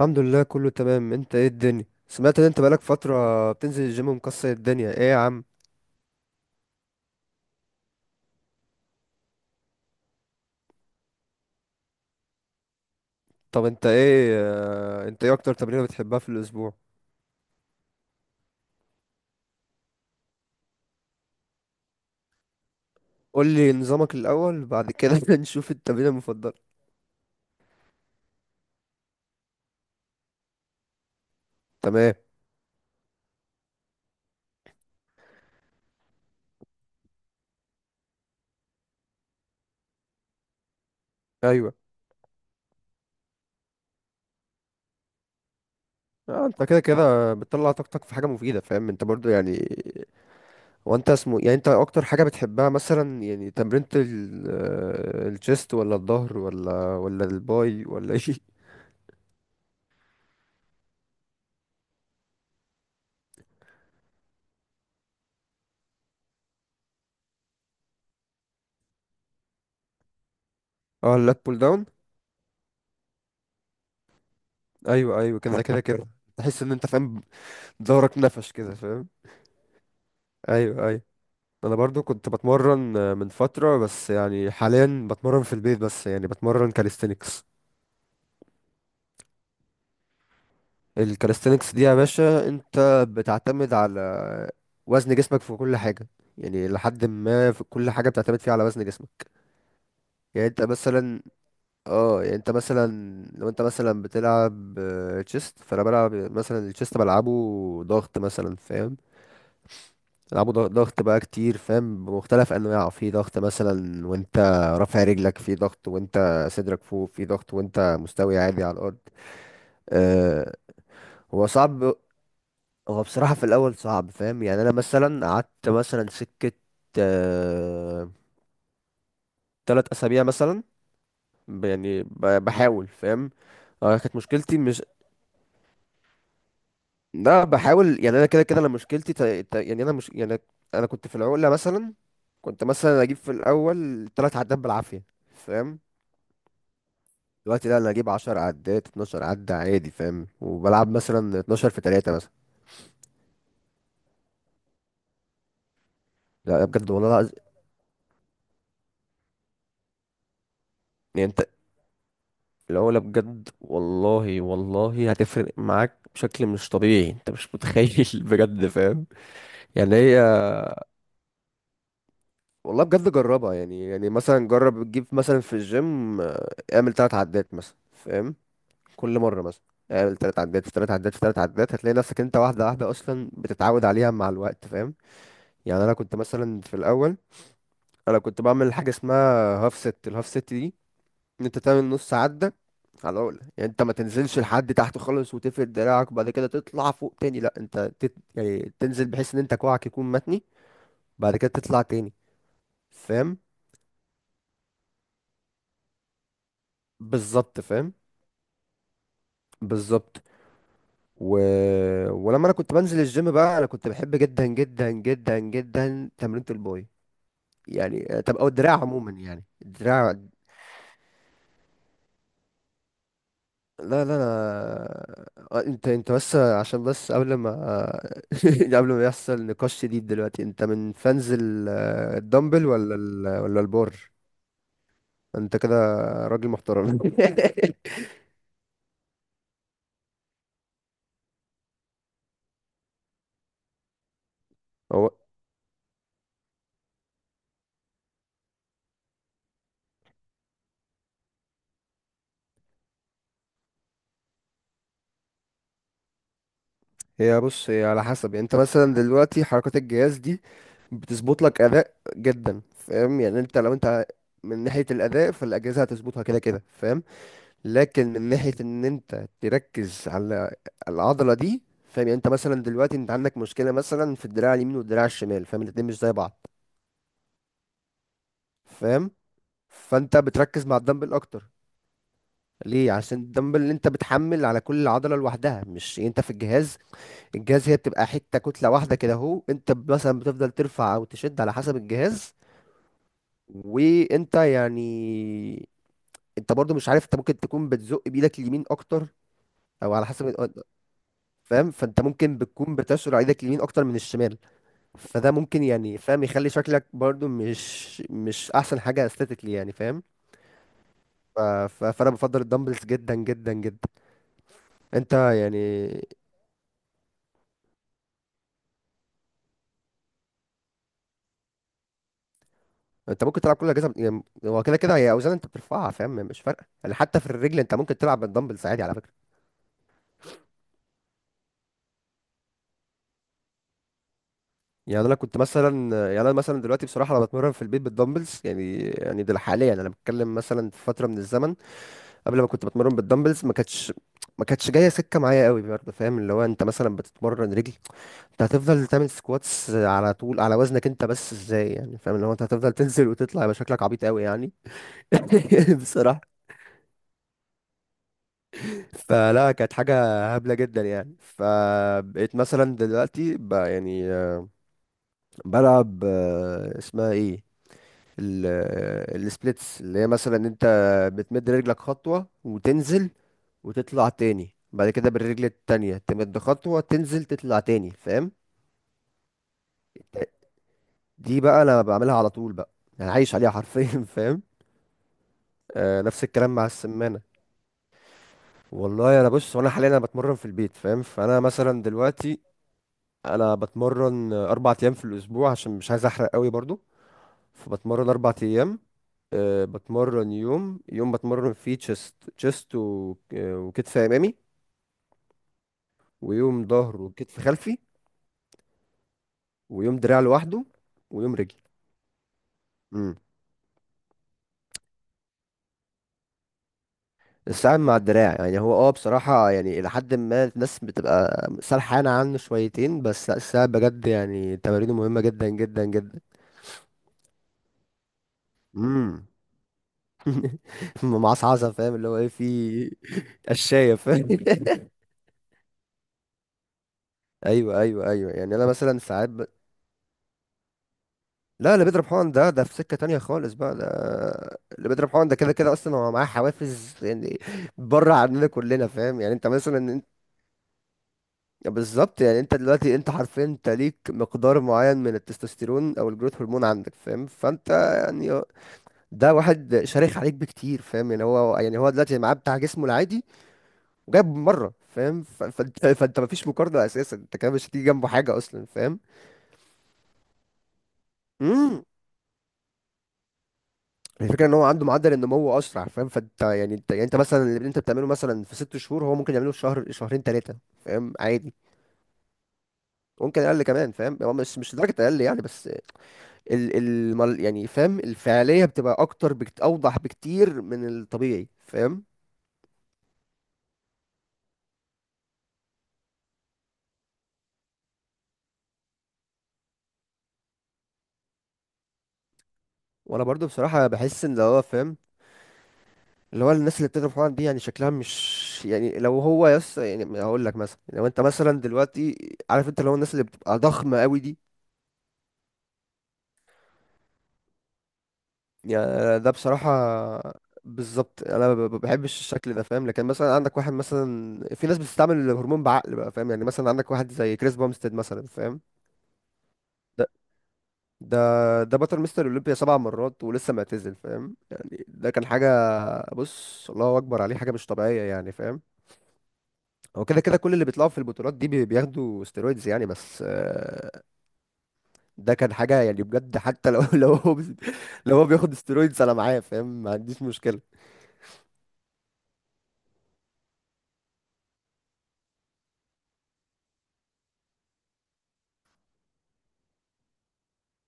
الحمد لله كله تمام. انت ايه الدنيا؟ سمعت ان انت بقالك فترة بتنزل الجيم ومكسر الدنيا، ايه يا عم؟ طب انت ايه اكتر تمرينة بتحبها في الاسبوع؟ قول لي نظامك الاول بعد كده نشوف التمرينة المفضلة. تمام. ايوه. اه، انت كده كده بتطلع طاقتك في حاجة مفيدة، فاهم انت برضو يعني. وانت اسمه يعني، انت اكتر حاجة بتحبها مثلا، يعني تمرينة الشيست ولا الظهر ولا الباي ولا ايه؟ اه، اللات بول داون. ايوه ايوه، كده كده كده، تحس ان انت فاهم. ظهرك نفش كده فاهم. ايوه ايوه. انا برضو كنت بتمرن من فتره، بس يعني حاليا بتمرن في البيت بس، يعني بتمرن كاليستينكس. الكاليستينكس دي يا باشا انت بتعتمد على وزن جسمك في كل حاجه، يعني لحد ما في كل حاجه بتعتمد فيها على وزن جسمك. يعني انت مثلا، اه يعني انت مثلا لو انت مثلا بتلعب تشيست، فانا بلعب مثلا التشيست، بلعبه ضغط مثلا فاهم. تلعبوا ضغط بقى كتير فاهم، بمختلف انواعه، في ضغط مثلا وانت رافع رجلك، في ضغط وانت صدرك فوق، في ضغط وانت مستوي عادي على الارض. أه. هو صعب هو بصراحة في الاول صعب فاهم، يعني انا مثلا قعدت مثلا سكة، أه 3 اسابيع مثلا، يعني بحاول فاهم. اه، كانت مشكلتي مش، لا بحاول يعني، انا كده كده انا مشكلتي يعني انا مش يعني، انا كنت في العقلة مثلا، كنت مثلا اجيب في الاول 3 عدات بالعافية فاهم. دلوقتي لا، انا اجيب 10 عدات، 12 عدة عادي فاهم، وبلعب مثلا 12 في 3 مثلا. لا لا، بجد والله العظيم. يعني انت، العقلة بجد والله هتفرق معاك بشكل مش طبيعي، انت مش متخيل. بجد فاهم. يعني هي، والله بجد جربها يعني مثلا جرب تجيب مثلا في الجيم، اعمل 3 عدات مثلا فاهم، كل مرة مثلا. اعمل 3 عدات في 3 عدات في 3 عدات، هتلاقي نفسك انت واحدة واحدة اصلا بتتعود عليها مع الوقت فاهم. يعني انا كنت مثلا في الاول، انا كنت بعمل حاجه اسمها هاف ست. الهاف ست دي ان انت تعمل نص عده على العقله، يعني انت ما تنزلش لحد تحت خالص وتفرد دراعك وبعد كده تطلع فوق تاني، لا انت يعني تنزل بحيث ان انت كوعك يكون متني، بعد كده تطلع تاني فاهم. بالظبط فاهم. بالظبط. و... ولما انا كنت بنزل الجيم بقى، انا كنت بحب جدا جدا جدا جدا تمرينة الباي، يعني طب او الدراع عموما، يعني الدراع. لا لا لا. انت بس، عشان بس قبل ما، قبل ما يحصل نقاش شديد دلوقتي، انت من فانز الدمبل ولا ولا البار؟ انت كده راجل محترم. هو هي بص، هي على حسب يعني، انت مثلا دلوقتي حركات الجهاز دي بتظبط لك اداء جدا فاهم، يعني انت لو انت من ناحية الاداء، فالاجهزة هتظبطها كده كده فاهم. لكن من ناحية ان انت تركز على العضلة دي، فاهم، يعني انت مثلا دلوقتي انت عندك مشكلة مثلا في الدراع اليمين والدراع الشمال فاهم، الاتنين مش زي بعض فاهم. فانت بتركز مع الدمبل اكتر. ليه؟ عشان الدمبل اللي انت بتحمل على كل عضلة لوحدها، مش يعني انت في الجهاز. الجهاز هي بتبقى حتة كتلة واحدة كده اهو، انت مثلا بتفضل ترفع او تشد على حسب الجهاز. وانت يعني، انت برضو مش عارف، انت ممكن تكون بتزق بايدك اليمين اكتر، او على حسب فاهم. فانت ممكن بتكون بتشعر ايدك اليمين اكتر من الشمال، فده ممكن يعني فاهم يخلي شكلك برضو مش احسن حاجه استاتيكلي يعني فاهم. فانا بفضل الدمبلز جدا جدا جدا. انت يعني، انت ممكن تلعب كل الاجهزه، يعني هو كده كده هي اوزان انت بترفعها فاهم، مش فارقه يعني. حتى في الرجل انت ممكن تلعب بالدمبلز عادي على فكره. يعني انا كنت مثلا، يعني انا مثلا دلوقتي بصراحه انا بتمرن في البيت بالدمبلز يعني ده حاليا، انا بتكلم مثلا في فتره من الزمن. قبل ما كنت بتمرن بالدمبلز، ما كانتش جايه سكه معايا قوي برضه فاهم. اللي هو انت مثلا بتتمرن رجل، انت هتفضل تعمل سكواتس على طول على وزنك انت بس، ازاي يعني فاهم؟ اللي هو انت هتفضل تنزل وتطلع، يبقى شكلك عبيط قوي يعني بصراحه. فلا، كانت حاجه هبله جدا يعني. فبقيت مثلا دلوقتي بلعب، اسمها ايه، السبليتس، اللي هي مثلا انت بتمد رجلك خطوة وتنزل وتطلع تاني، بعد كده بالرجل التانية تمد خطوة، تنزل تطلع تاني فاهم. دي بقى انا بعملها على طول بقى، انا عايش عليها حرفيا. فاهم. نفس الكلام مع السمانة. والله انا بص، وانا حاليا انا بتمرن في البيت فاهم، فانا مثلا دلوقتي انا بتمرن 4 ايام في الاسبوع، عشان مش عايز احرق قوي برضو. فبتمرن 4 ايام، بتمرن يوم يوم. بتمرن فيه تشيست وكتف امامي، ويوم ظهر وكتف خلفي، ويوم دراع لوحده، ويوم رجل. امم. الساعد مع الدراع يعني. هو بصراحة يعني، إلى حد ما الناس بتبقى سرحانة عنه شويتين، بس لا، الساعد بجد يعني تمارينه مهمة جدا جدا جدا. امم. معصعصة فاهم، اللي هو ايه، في قشاية فاهم. ايوه ايوه ايوه، يعني انا مثلا ساعات. لا، اللي بيضرب حقن ده في سكة تانية خالص بقى ده. اللي بيضرب حقن ده كده كده اصلا هو معاه حوافز يعني، بره عننا كلنا فاهم، يعني انت، بالظبط. يعني انت دلوقتي، انت حرفيا انت ليك مقدار معين من التستوستيرون او الجروث هرمون عندك فاهم، فانت يعني، ده واحد شرخ عليك بكتير فاهم، يعني هو هو دلوقتي معاه بتاع جسمه العادي وجايب مرة فاهم. فانت مفيش مقارنة اساسا، انت كده مش هتيجي جنبه حاجة اصلا فاهم. الفكره ان هو عنده معدل النمو اسرع فاهم، فانت يعني، انت انت مثلا اللي انت بتعمله مثلا في 6 شهور، هو ممكن يعمله في شهر شهرين ثلاثه فاهم عادي. ممكن اقل كمان فاهم. هو مش، لدرجه اقل يعني بس، يعني فاهم الفعاليه بتبقى اكتر، بكت اوضح بكتير من الطبيعي فاهم. وانا برضو بصراحه بحس ان اللي هو فاهم، اللي هو الناس اللي بتضرب حقن دي يعني شكلها مش يعني، لو هو يس يعني، هقول لك مثلا لو انت مثلا دلوقتي عارف، انت اللي هو الناس اللي بتبقى ضخمه قوي دي، يعني ده بصراحة، بالظبط، انا ما بحبش الشكل ده فاهم. لكن مثلا عندك واحد مثلا، في ناس بتستعمل الهرمون بعقل بقى فاهم، يعني مثلا عندك واحد زي كريس بامستد مثلا فاهم. ده ده ده بطل مستر اولمبيا 7 مرات ولسه معتزل فاهم، يعني ده كان حاجة. بص الله اكبر عليه، حاجة مش طبيعية يعني فاهم. هو كده كده كل اللي بيطلعوا في البطولات دي بياخدوا ستيرويدز يعني، بس ده كان حاجة يعني بجد. حتى لو لو هو لو هو بياخد ستيرويدز انا معاه فاهم، ما عنديش مشكلة.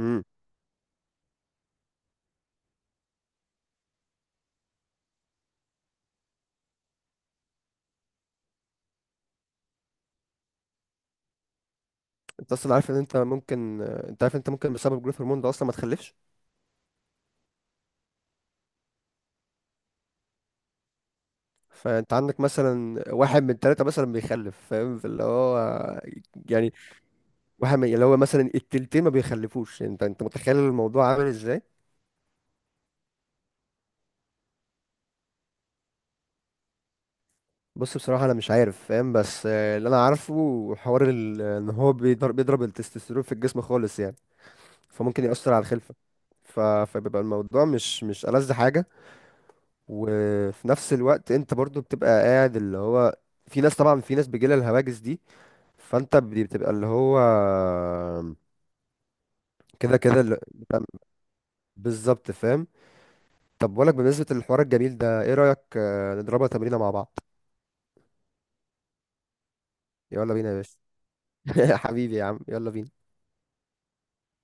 إمم. انت اصلا عارف ان انت ممكن، انت عارف ان انت ممكن بسبب جروث هرمون ده اصلا ما تخلفش. فانت عندك مثلا واحد من ثلاثة مثلا بيخلف فاهم، فاللي هو يعني واحد من، اللي هو مثلا التلتين ما بيخلفوش. انت متخيل الموضوع عامل ازاي؟ بص بصراحة انا مش عارف فاهم، بس اللي انا عارفه حوار ان هو بيضرب، التستوستيرون في الجسم خالص يعني، فممكن يأثر على الخلفة. فبيبقى الموضوع مش، ألذ حاجة. وفي نفس الوقت انت برضو بتبقى قاعد اللي هو، في ناس طبعا، في ناس بيجيلها الهواجس دي، فانت بتبقى اللي هو كده كده، بتبقى بالظبط فاهم. طب بقولك، بالنسبة للحوار الجميل ده ايه رأيك نضربها تمرينة مع بعض؟ يلا بينا يا باشا. حبيبي يا عم، يلا بينا.